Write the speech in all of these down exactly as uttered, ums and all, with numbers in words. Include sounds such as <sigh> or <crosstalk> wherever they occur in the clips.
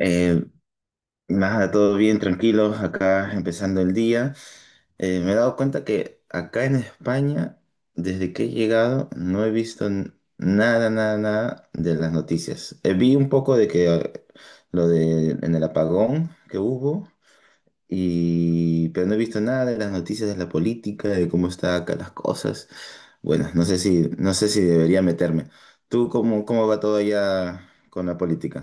Eh, Nada, todo bien, tranquilos, acá empezando el día. Eh, me he dado cuenta que acá en España, desde que he llegado, no he visto n- nada, nada, nada de las noticias. Eh, vi un poco de que eh, lo de en el apagón que hubo, y, pero no he visto nada de las noticias de la política, de cómo están acá las cosas. Bueno, no sé si, no sé si debería meterme. ¿Tú cómo, cómo va todo allá con la política?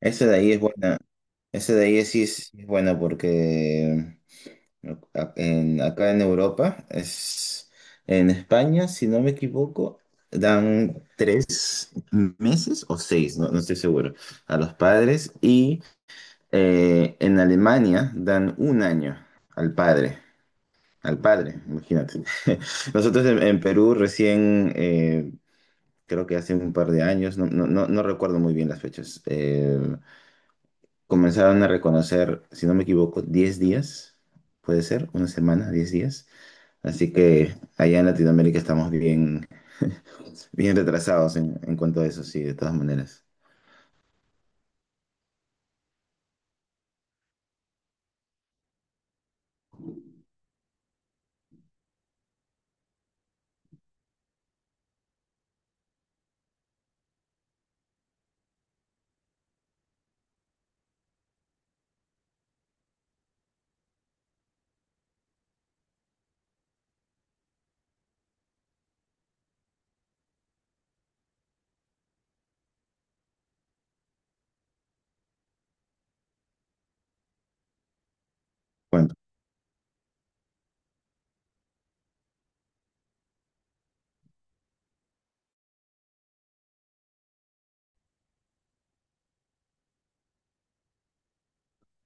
Ese de ahí es buena. Ese de ahí sí es, sí es buena porque a- en- acá en Europa, es, en España, si no me equivoco, dan tres meses o seis, no, no estoy seguro, a los padres y eh, en Alemania dan un año al padre. Al padre, imagínate. <laughs> Nosotros en, en Perú recién, eh, creo que hace un par de años, no, no, no, no recuerdo muy bien las fechas, eh, comenzaron a reconocer, si no me equivoco, diez días, puede ser, una semana, diez días. Así que allá en Latinoamérica estamos bien, bien retrasados en, en cuanto a eso, sí, de todas maneras. Bueno,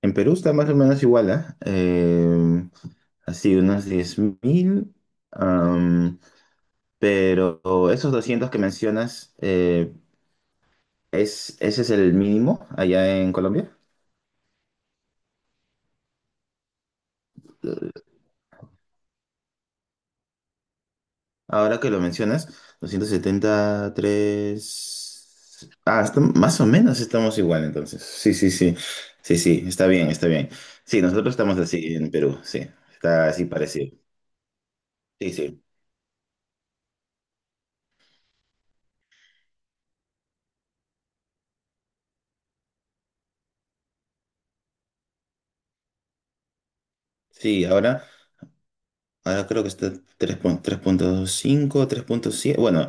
en Perú está más o menos igual, ¿ah? Eh, así, unos diez mil, am, pero esos doscientos que mencionas, eh, ¿es, ese es el mínimo allá en Colombia? Ahora que lo mencionas, doscientos setenta y tres. Ah, está- más o menos estamos igual entonces. Sí, sí, sí. Sí, sí, está bien, está bien. Sí, nosotros estamos así en Perú, sí. Está así parecido. Sí, sí. Sí, ahora, ahora creo que está tres pun- tres punto tres punto siete. Bueno,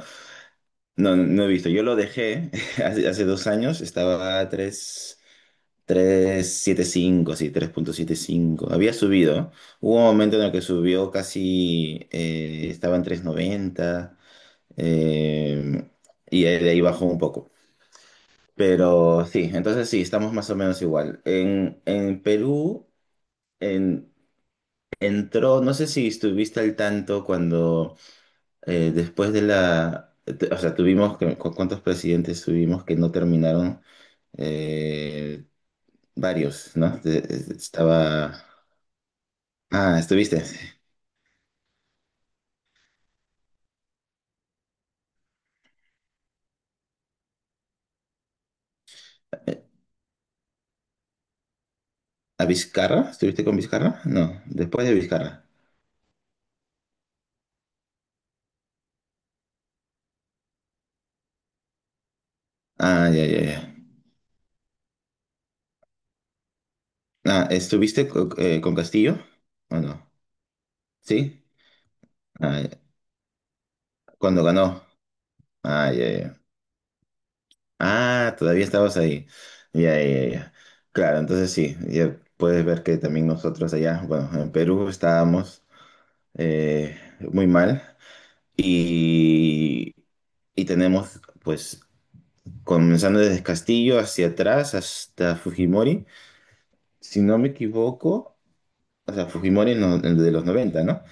no, no he visto. Yo lo dejé <laughs> hace, hace dos años, estaba a tres trescientos setenta y cinco, sí, tres punto setenta y cinco. Había subido, ¿no? Hubo un momento en el que subió casi, eh, estaba en tres noventa, eh, y ahí- de ahí bajó un poco. Pero sí, entonces sí, estamos más o menos igual. En, en Perú en- entró, no sé si estuviste al tanto cuando eh, después de la, te- o sea, tuvimos, que- ¿cu- cuántos presidentes tuvimos que no terminaron? Eh, varios, ¿no? De- de- Estaba. Ah, estuviste. ¿A Vizcarra? ¿Estuviste con Vizcarra? No, después de Vizcarra. Ah, ya, ya, ya. Ah, ¿estuviste co- eh, con Castillo? ¿O no? ¿Sí? Ah, ya. Cuando ganó. Ah, ya, ya. Ah, todavía estabas ahí. Ya, ya, ya. Claro, entonces sí, ya puedes ver que también nosotros allá, bueno, en Perú estábamos eh, muy mal y, y tenemos, pues, comenzando desde Castillo hacia atrás hasta Fujimori, si no me equivoco, o sea, Fujimori en lo- en lo de los noventa, ¿no?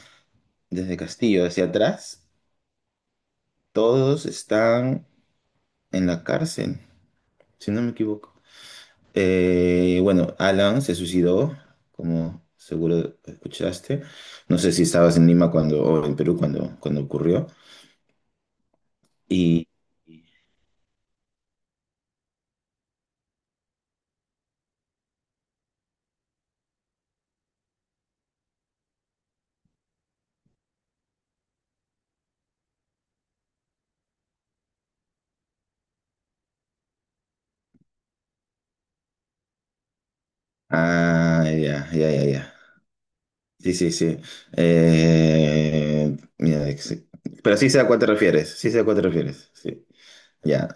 Desde Castillo hacia atrás, todos están en la cárcel, si no me equivoco. Eh, bueno, Alan se suicidó, como seguro escuchaste. No sé si estabas en Lima cuando, o en Perú cuando, cuando ocurrió. Y. Ah, ya, ya, ya, ya. Sí, sí, sí. Eh, mira, ex- pero sí sé a cuál te refieres, sí sé a cuál te refieres, sí. Ya,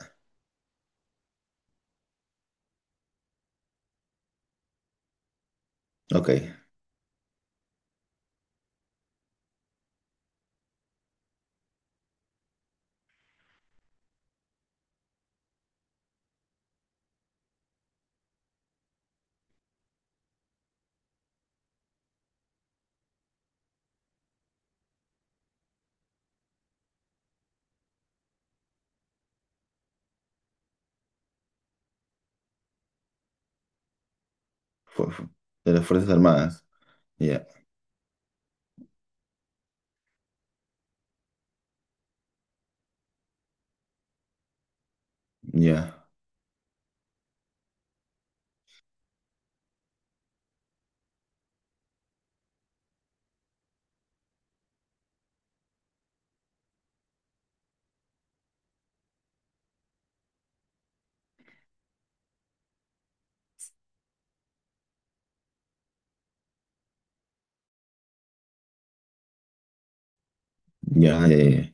ok. Fu- fu- de las Fuerzas Armadas. Ya, ya, ya. eh.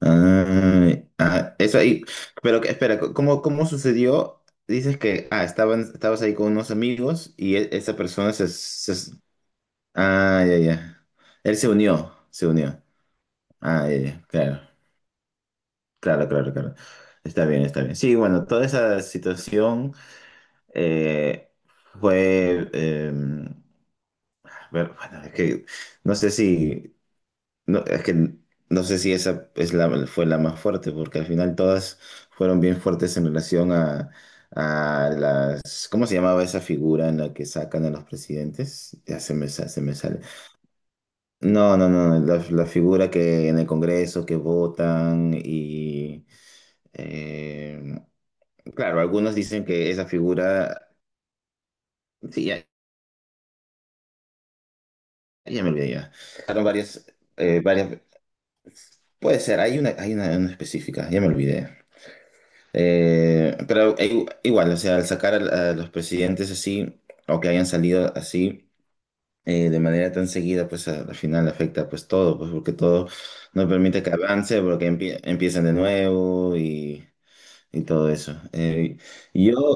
Ah, ah, eso ahí. Pero que- espera, ¿cómo, cómo sucedió? Dices que, ah, estaban, estabas ahí con unos amigos y e- esa persona se, se- Ah, ya, ya. Él se unió, se unió. Ah, ya, ya, claro, claro, claro, claro. Está bien, está bien. Sí, bueno, toda esa situación eh, fue. Eh, a ver, bueno, es que no sé si. No, es que no sé si esa es la, fue la más fuerte, porque al final todas fueron bien fuertes en relación a, a las. ¿Cómo se llamaba esa figura en la que sacan a los presidentes? Ya se me, sa- se me sale. No, no, no, no, la, la figura que en el Congreso que votan y. eh, claro, algunos dicen que esa figura. Sí, ya, ya me olvidé ya. Sacaron varias, eh, varias. Puede ser, hay una, hay una, una específica, ya me olvidé. Eh, pero i- igual, o sea, al sacar al- a, los presidentes así, o que hayan salido así, eh, de manera tan seguida, pues a- al final afecta pues todo, pues porque todo no permite que avance, porque empie- empiezan de nuevo y, y todo eso. Eh, yo,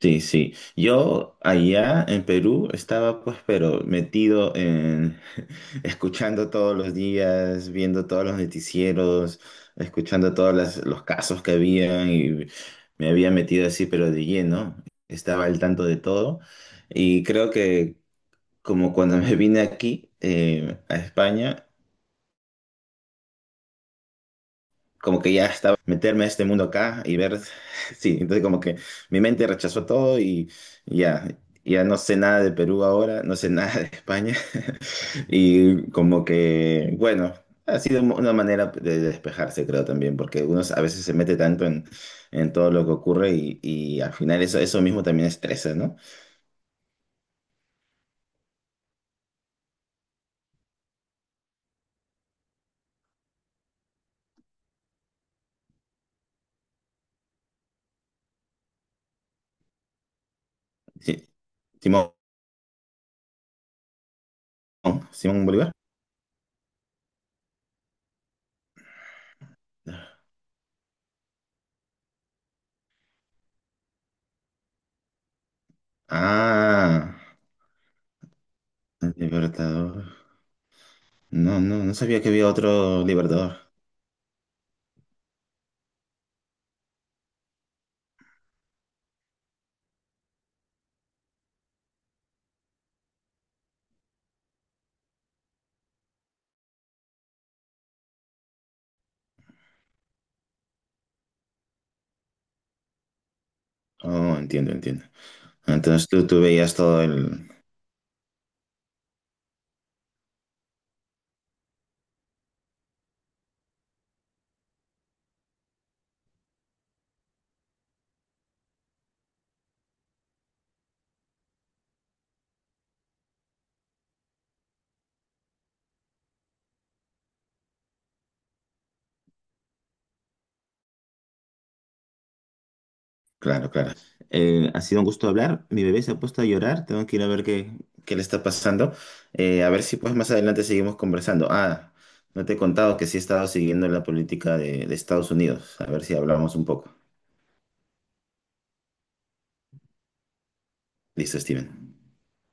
Sí, sí. Yo allá en Perú estaba pues, pero metido en <laughs> escuchando todos los días, viendo todos los noticieros, escuchando todos los casos que había y me había metido así, pero de lleno. Estaba al tanto de todo. Y creo que como cuando me vine aquí eh, a España, como que ya estaba meterme a este mundo acá y ver, <laughs> sí, entonces como que mi mente rechazó todo y ya, ya no sé nada de Perú ahora, no sé <laughs> nada de España <laughs> y como que, bueno, ha sido una manera de despejarse creo también, porque uno a veces se mete tanto en, en todo lo que ocurre y, y al final eso, eso mismo también estresa, ¿no? Sí. Simón, Simón Bolívar. Ah, el Libertador. No, no, no sabía que había otro Libertador. Oh, entiendo, entiendo. Entonces tú, tú veías todo el. Claro, claro. Eh, ha sido un gusto hablar. Mi bebé se ha puesto a llorar. Tengo que ir a ver qué, qué le está pasando. Eh, a ver si pues más adelante seguimos conversando. Ah, no te he contado que sí he estado siguiendo la política de, de Estados Unidos. A ver si hablamos un poco. Listo, Steven.